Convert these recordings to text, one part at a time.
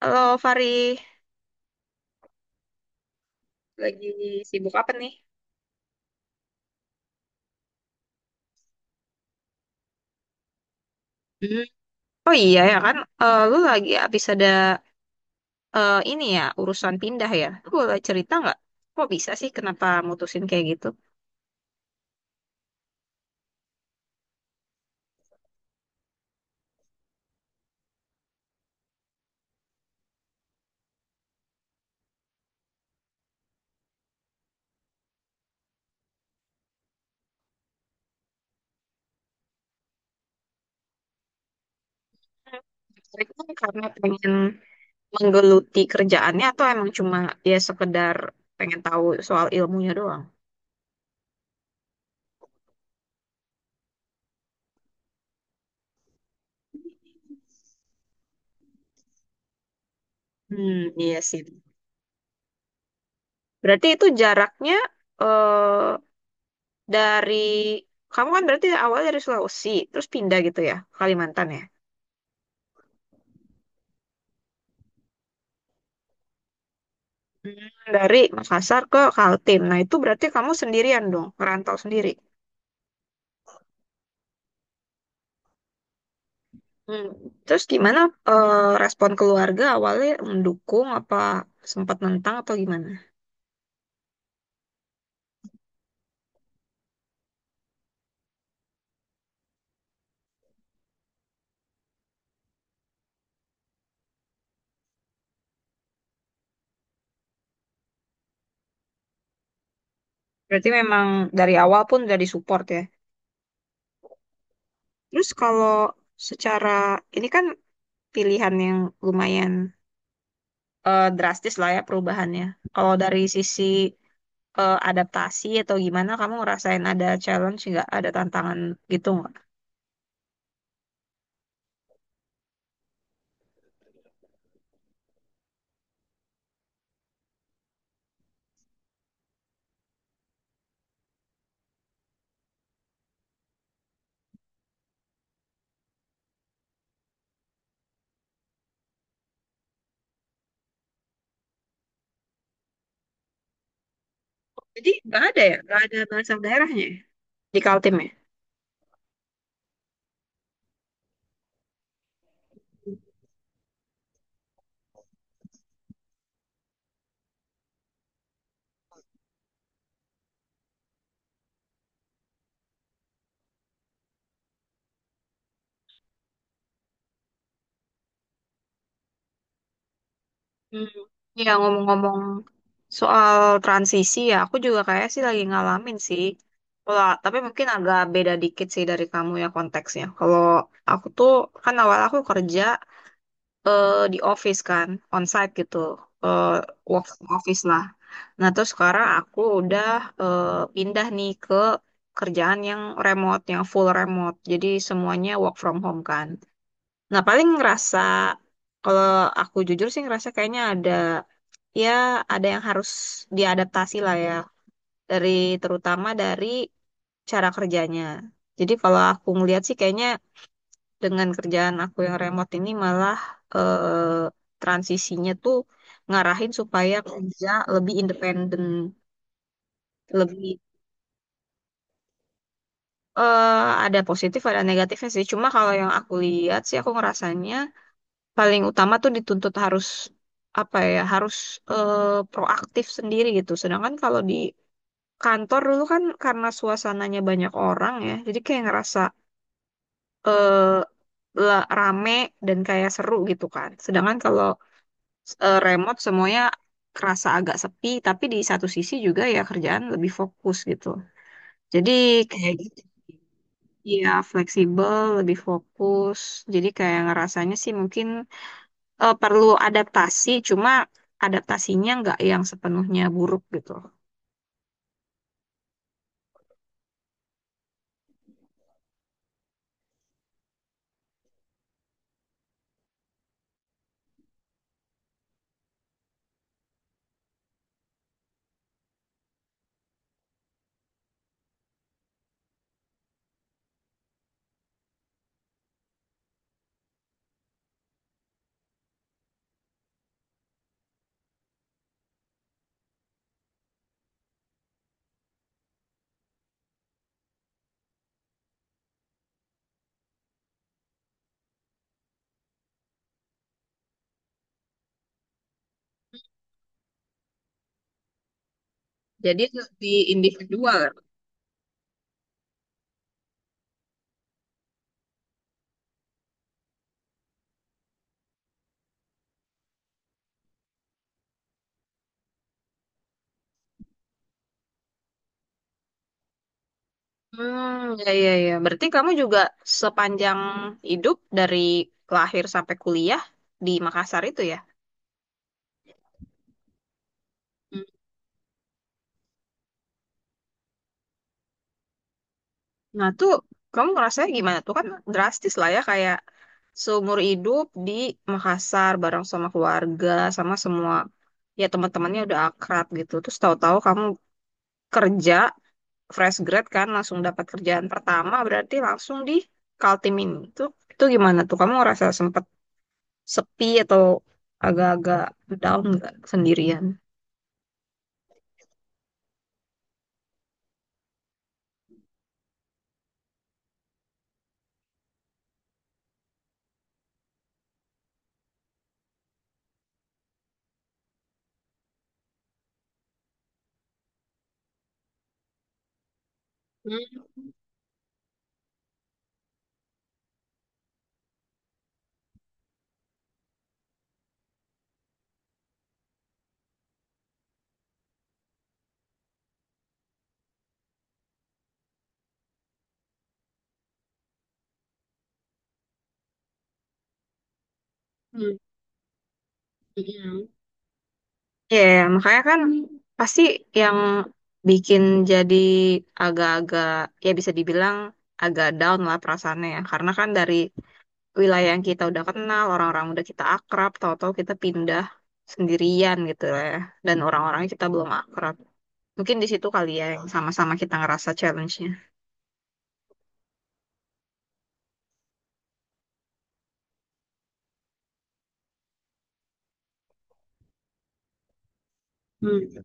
Halo Fari, lagi sibuk apa nih? Hmm. Oh iya ya kan, lu lagi habis ada ini ya urusan pindah ya. Lu boleh cerita nggak? Kok bisa sih kenapa mutusin kayak gitu? Tertarik kan karena pengen menggeluti kerjaannya atau emang cuma ya sekedar pengen tahu soal ilmunya doang? Hmm, iya sih. Berarti itu jaraknya eh dari kamu kan berarti awal dari Sulawesi, terus pindah gitu ya, Kalimantan ya? Hmm. Dari Makassar ke Kaltim. Nah, itu berarti kamu sendirian dong, merantau sendiri. Hmm. Terus gimana eh, respon keluarga awalnya mendukung apa sempat nentang atau gimana? Berarti memang dari awal pun udah disupport ya. Terus kalau secara ini kan pilihan yang lumayan drastis lah ya perubahannya. Kalau dari sisi adaptasi atau gimana, kamu ngerasain ada challenge nggak, ada tantangan gitu nggak? Jadi nggak ada ya, nggak ada bahasa daerahnya ya di Kaltim ya? Hmm. Ya ngomong-ngomong soal transisi ya, aku juga kayak sih lagi ngalamin sih. Kalau tapi mungkin agak beda dikit sih dari kamu ya konteksnya. Kalau aku tuh kan awal aku kerja di office kan, onsite gitu, eh, work from office lah. Nah terus sekarang aku udah eh, pindah nih ke kerjaan yang remote, yang full remote. Jadi semuanya work from home kan. Nah paling ngerasa kalau aku jujur sih ngerasa kayaknya ada ya ada yang harus diadaptasi lah ya dari terutama dari cara kerjanya. Jadi kalau aku ngeliat sih kayaknya dengan kerjaan aku yang remote ini malah eh, transisinya tuh ngarahin supaya kerja lebih independen, lebih eh, ada positif ada negatifnya sih. Cuma kalau yang aku lihat sih aku ngerasanya paling utama tuh dituntut harus apa ya harus eh, proaktif sendiri gitu. Sedangkan kalau di kantor dulu kan karena suasananya banyak orang ya, jadi kayak ngerasa eh rame dan kayak seru gitu kan. Sedangkan kalau remote semuanya kerasa agak sepi, tapi di satu sisi juga ya kerjaan lebih fokus gitu. Jadi kayak gitu. Ya, fleksibel, lebih fokus. Jadi kayak ngerasanya sih mungkin perlu adaptasi, cuma adaptasinya nggak yang sepenuhnya buruk gitu. Jadi lebih individual. Hmm, ya, ya, ya. Berarti kamu juga sepanjang hidup dari lahir sampai kuliah di Makassar itu ya? Hmm. Nah, tuh kamu ngerasanya gimana tuh? Kan drastis lah ya, kayak seumur hidup di Makassar bareng sama keluarga, sama semua ya teman-temannya udah akrab gitu. Terus tahu-tahu kamu kerja fresh grad kan, langsung dapat kerjaan pertama, berarti langsung di Kaltim ini. Tuh, itu gimana tuh? Kamu ngerasa sempet sepi atau agak-agak down nggak sendirian? Hmm, iya. Ya, makanya kan pasti yang bikin jadi agak-agak ya bisa dibilang agak down lah perasaannya ya. Karena kan dari wilayah yang kita udah kenal, orang-orang udah kita akrab, tahu-tahu kita pindah sendirian gitu lah ya. Dan orang-orangnya kita belum akrab. Mungkin di situ kali ya yang sama-sama kita ngerasa challenge-nya. Hmm.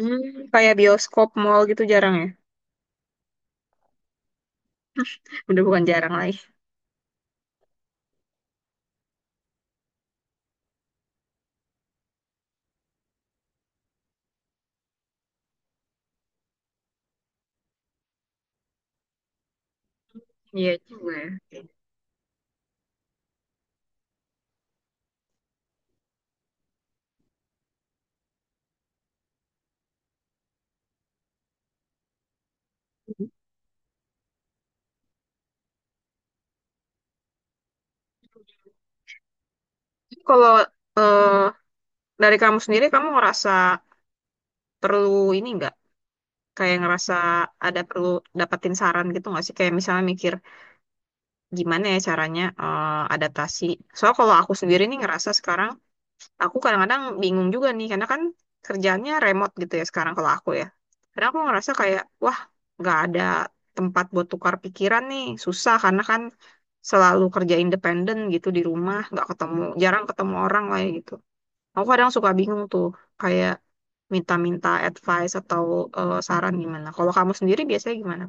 Hmm. Kayak bioskop, mall gitu jarang ya. Udah bukan jarang lagi. Iya juga ya. Tapi Kalau eh, dari kamu sendiri, kamu ngerasa perlu ini nggak? Kayak ngerasa ada perlu dapetin saran gitu nggak sih? Kayak misalnya mikir gimana ya caranya adaptasi. Soalnya kalau aku sendiri nih ngerasa sekarang, aku kadang-kadang bingung juga nih. Karena kan kerjaannya remote gitu ya sekarang kalau aku ya. Karena aku ngerasa kayak, wah nggak ada tempat buat tukar pikiran nih. Susah karena kan selalu kerja independen gitu di rumah. Nggak ketemu, jarang ketemu orang lah ya gitu. Aku kadang suka bingung tuh, kayak minta-minta advice atau saran gimana. Kalau kamu sendiri biasanya gimana?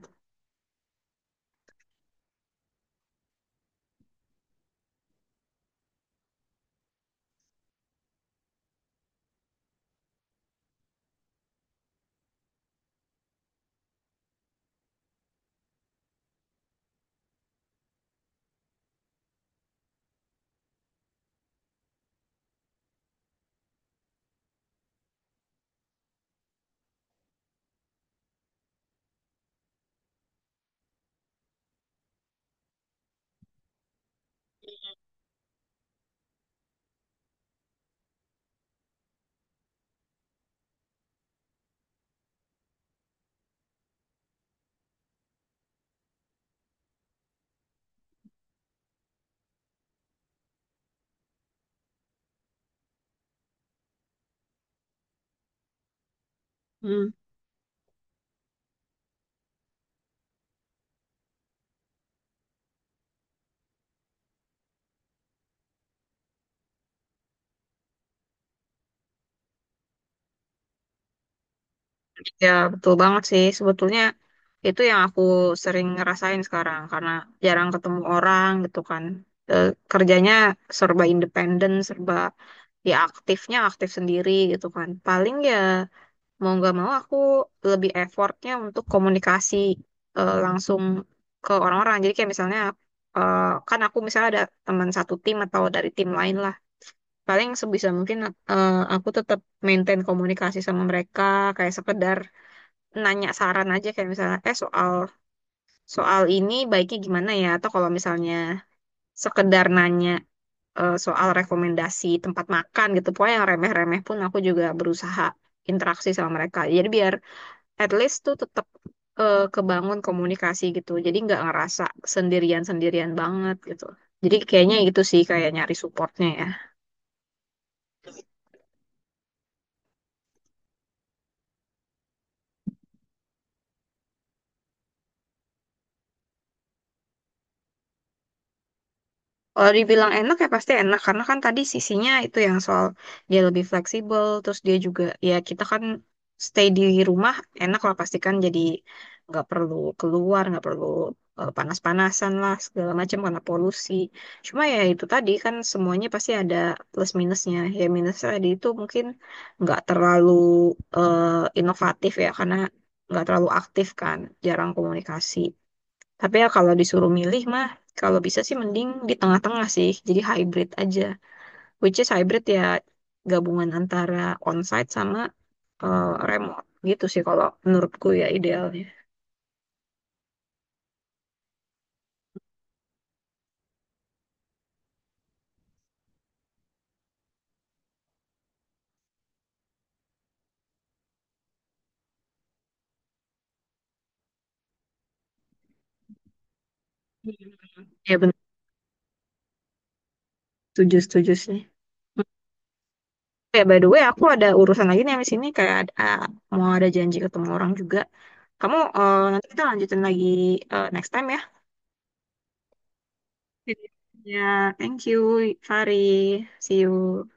Hmm. Ya, betul banget sih. Sebetulnya itu yang aku sering ngerasain sekarang karena jarang ketemu orang gitu kan. Eh, kerjanya serba independen, serba ya aktifnya aktif sendiri gitu kan. Paling ya mau nggak mau aku lebih effortnya untuk komunikasi langsung ke orang-orang. Jadi kayak misalnya eh, kan aku misalnya ada teman satu tim atau dari tim lain lah. Paling sebisa mungkin aku tetap maintain komunikasi sama mereka kayak sekedar nanya saran aja kayak misalnya eh soal soal ini baiknya gimana ya atau kalau misalnya sekedar nanya soal rekomendasi tempat makan gitu. Pokoknya yang remeh-remeh pun aku juga berusaha interaksi sama mereka. Jadi biar at least tuh tetap kebangun komunikasi gitu. Jadi nggak ngerasa sendirian-sendirian banget gitu. Jadi kayaknya itu sih kayak nyari supportnya ya. Kalau dibilang enak ya pasti enak karena kan tadi sisinya itu yang soal dia lebih fleksibel terus dia juga ya kita kan stay di rumah enak lah pasti kan jadi nggak perlu keluar nggak perlu panas-panasan lah segala macam karena polusi. Cuma ya itu tadi kan semuanya pasti ada plus minusnya. Ya minusnya tadi itu mungkin nggak terlalu eh, inovatif ya karena nggak terlalu aktif kan jarang komunikasi. Tapi ya kalau disuruh milih mah, kalau bisa sih mending di tengah-tengah sih. Jadi hybrid aja. Which is hybrid ya gabungan antara onsite sama eh, remote. Gitu sih kalau menurutku ya idealnya. Hmm. Ya benar, setuju, setuju sih. Ya by the way aku ada urusan lagi nih habis ini kayak mau ada janji ketemu orang juga. Nanti kita lanjutin lagi next time ya. Ya, thank you, Fari. See you.